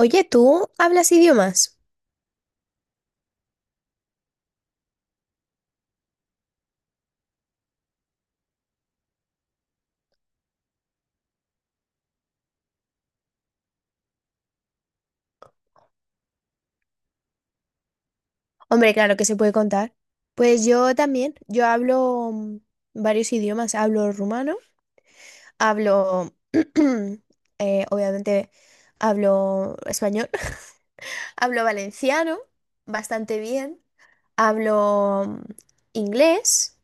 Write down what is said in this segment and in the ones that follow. Oye, ¿tú hablas idiomas? Hombre, claro que se puede contar. Pues yo también, yo hablo varios idiomas, hablo rumano, hablo, obviamente, hablo español, hablo valenciano bastante bien, hablo inglés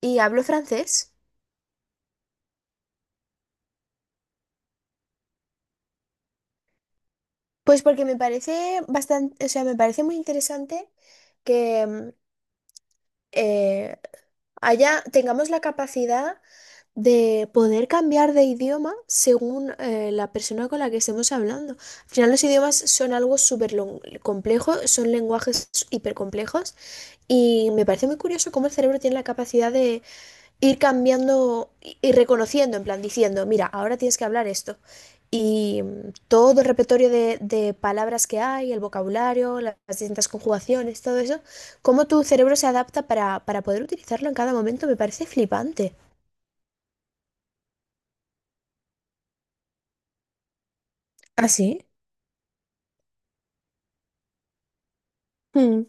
y hablo francés. Pues porque me parece bastante, o sea, me parece muy interesante que eh, tengamos la capacidad de poder cambiar de idioma según la persona con la que estemos hablando. Al final los idiomas son algo súper complejo, son lenguajes hipercomplejos y me parece muy curioso cómo el cerebro tiene la capacidad de ir cambiando y reconociendo, en plan diciendo, mira, ahora tienes que hablar esto. Y todo el repertorio de palabras que hay, el vocabulario, las distintas conjugaciones, todo eso, cómo tu cerebro se adapta para poder utilizarlo en cada momento, me parece flipante. ¿Ah, sí? Mm.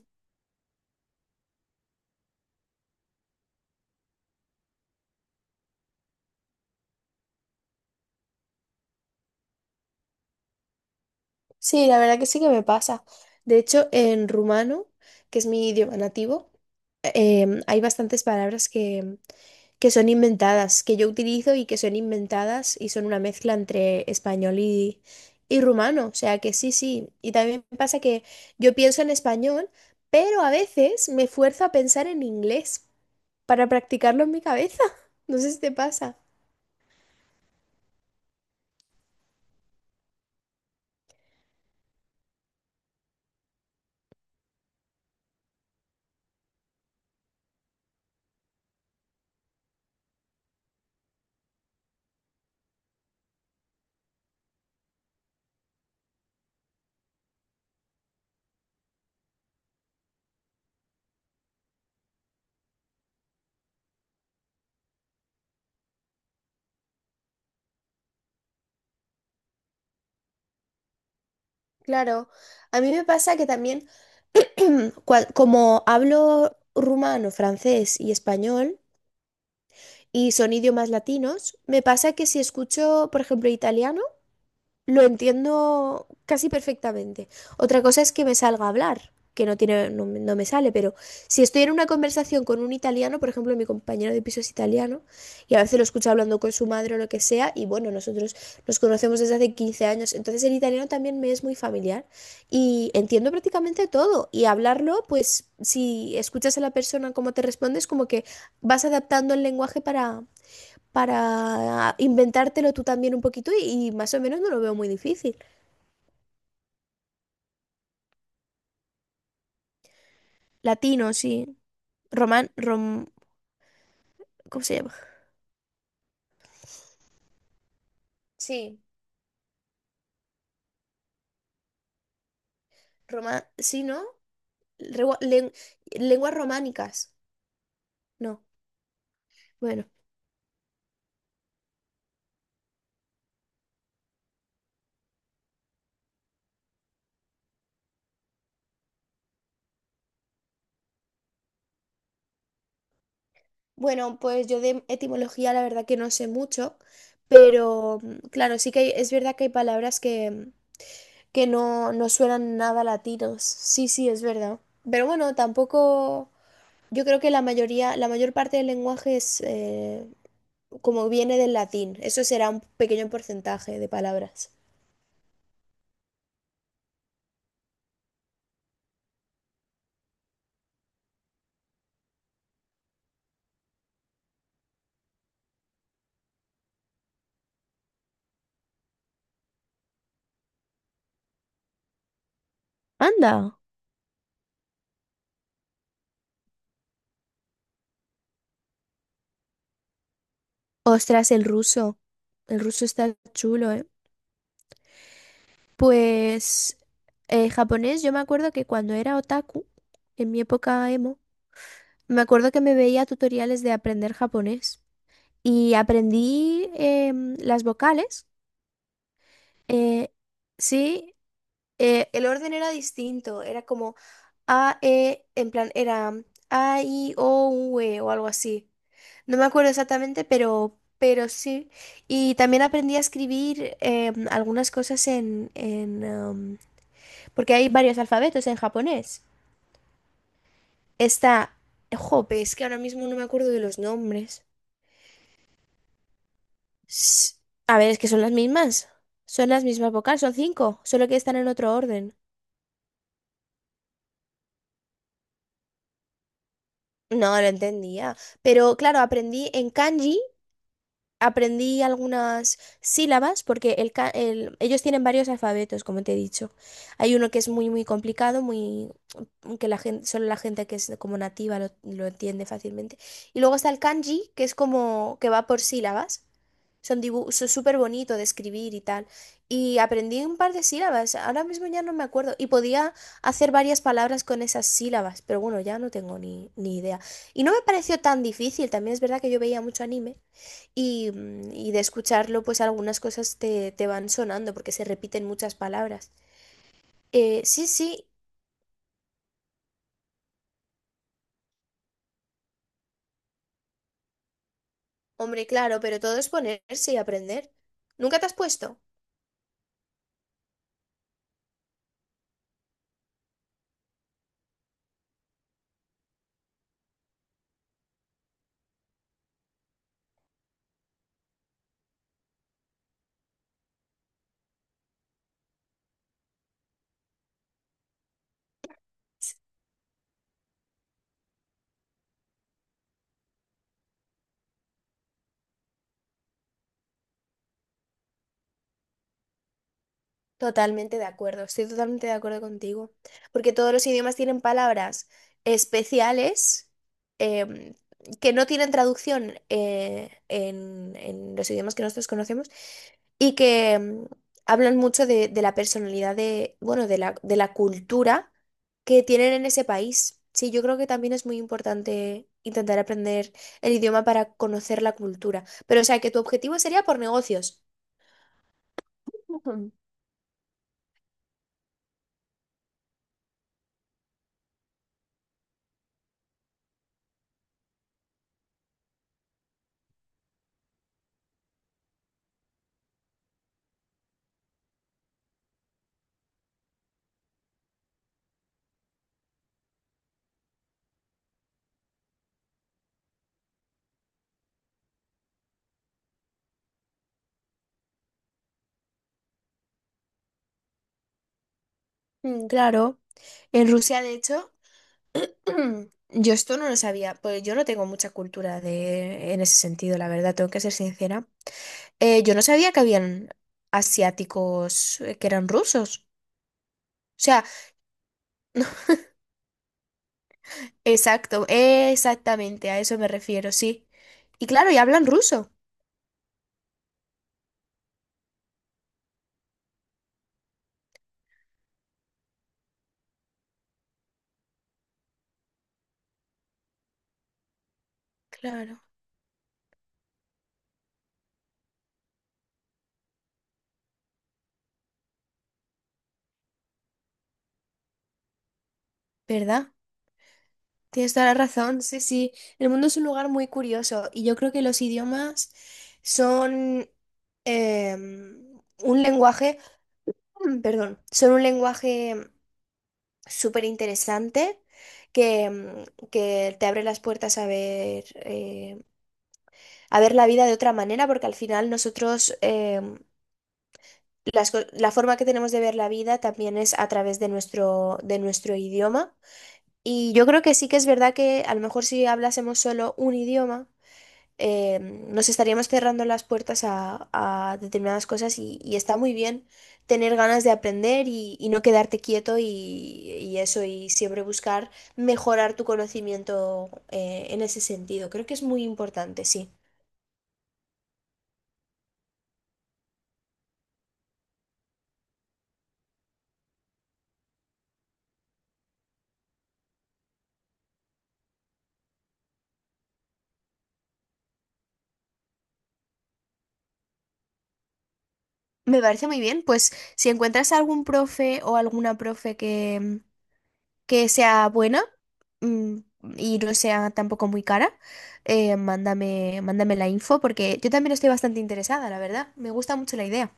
Sí, la verdad que sí que me pasa. De hecho, en rumano, que es mi idioma nativo, hay bastantes palabras que son inventadas, que yo utilizo y que son inventadas y son una mezcla entre español y rumano. O sea que sí, sí. Y también me pasa que yo pienso en español, pero a veces me fuerzo a pensar en inglés para practicarlo en mi cabeza. No sé si te pasa. Claro, a mí me pasa que también... Como hablo rumano, francés y español, y son idiomas latinos, me pasa que si escucho, por ejemplo, italiano, lo entiendo casi perfectamente. Otra cosa es que me salga a hablar, que no tiene, no, me no me sale, pero si estoy en una conversación con un italiano, por ejemplo, mi compañero de piso es italiano, y a veces lo escucho hablando con su madre o lo que sea, y bueno, nosotros nos conocemos desde hace 15 años, entonces el italiano también me es muy familiar y entiendo prácticamente todo. Y hablarlo, pues si escuchas a la persona cómo te responde, es como que vas adaptando el lenguaje para inventártelo tú también un poquito y más o menos no lo veo muy difícil. Latino, sí. Román, rom, ¿Cómo se llama? Sí, román, sí, ¿no? Regua- len- lenguas románicas. No, bueno. Bueno, pues yo de etimología la verdad que no sé mucho, pero claro, sí que es verdad que hay palabras que no suenan nada latinos. Sí, sí, es verdad. Pero bueno, tampoco... Yo creo que la mayoría, la mayor parte del lenguaje es, como viene del latín. Eso será un pequeño porcentaje de palabras. Anda. Ostras, el ruso. El ruso está chulo, ¿eh? Pues japonés, yo me acuerdo que cuando era otaku, en mi época emo, me acuerdo que me veía tutoriales de aprender japonés y aprendí las vocales. eh, sí, el orden era distinto, era como A, E, en plan, era A, I, O, U, E o algo así. No me acuerdo exactamente, pero sí. Y también aprendí a escribir algunas cosas porque hay varios alfabetos en japonés. Está... Jope, es que ahora mismo no me acuerdo de los nombres. S- A ver, es que son las mismas. Son las mismas vocales, son cinco, solo que están en otro orden. No, lo entendía. Pero claro, aprendí en kanji. Aprendí algunas sílabas porque ellos tienen varios alfabetos, como te he dicho. Hay uno que es muy, muy complicado, que la gente, solo la gente que es como nativa lo entiende fácilmente. Y luego está el kanji, que es como que va por sílabas. Son dibujos súper bonito de escribir y tal. Y aprendí un par de sílabas, ahora mismo ya no me acuerdo. Y podía hacer varias palabras con esas sílabas, pero bueno, ya no tengo ni idea. Y no me pareció tan difícil, también es verdad que yo veía mucho anime. Y de escucharlo, pues algunas cosas te van sonando porque se repiten muchas palabras. Sí, sí, hombre, claro, pero todo es ponerse y aprender. ¿Nunca te has puesto? Totalmente de acuerdo, estoy totalmente de acuerdo contigo, porque todos los idiomas tienen palabras especiales em, que no tienen traducción en los idiomas que nosotros conocemos y que hablan mucho de la personalidad bueno, de la cultura que tienen en ese país. Sí, yo creo que también es muy importante intentar aprender el idioma para conocer la cultura, pero o sea que tu objetivo sería por negocios. Ujú. Claro. En Rusia, de hecho, yo esto no lo sabía, pues yo no tengo mucha cultura de, en ese sentido, la verdad, tengo que ser sincera. Yo no sabía que habían asiáticos que eran rusos. O sea, exacto, exactamente, a eso me refiero, sí. Y claro, y hablan ruso. Claro, ¿verdad? Tienes toda la razón, sí, sí. El mundo es un lugar muy curioso y yo creo que los idiomas son un lenguaje, perdón, son un lenguaje súper interesante que, que te abre las puertas a ver la vida de otra manera, porque al final nosotros la forma que tenemos de ver la vida también es a través de nuestro idioma. Y yo creo que sí que es verdad que a lo mejor si hablásemos solo un idioma, nos estaríamos cerrando las puertas a determinadas cosas y está muy bien tener ganas de aprender y no quedarte quieto y eso, y siempre buscar mejorar tu conocimiento en ese sentido. Creo que es muy importante, sí. Me parece muy bien, pues si encuentras algún profe o alguna profe que sea buena mm, y no sea tampoco muy cara, mándame la info porque yo también estoy bastante interesada, la verdad. Me gusta mucho la idea.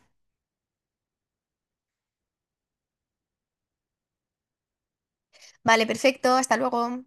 Vale, perfecto, hasta luego.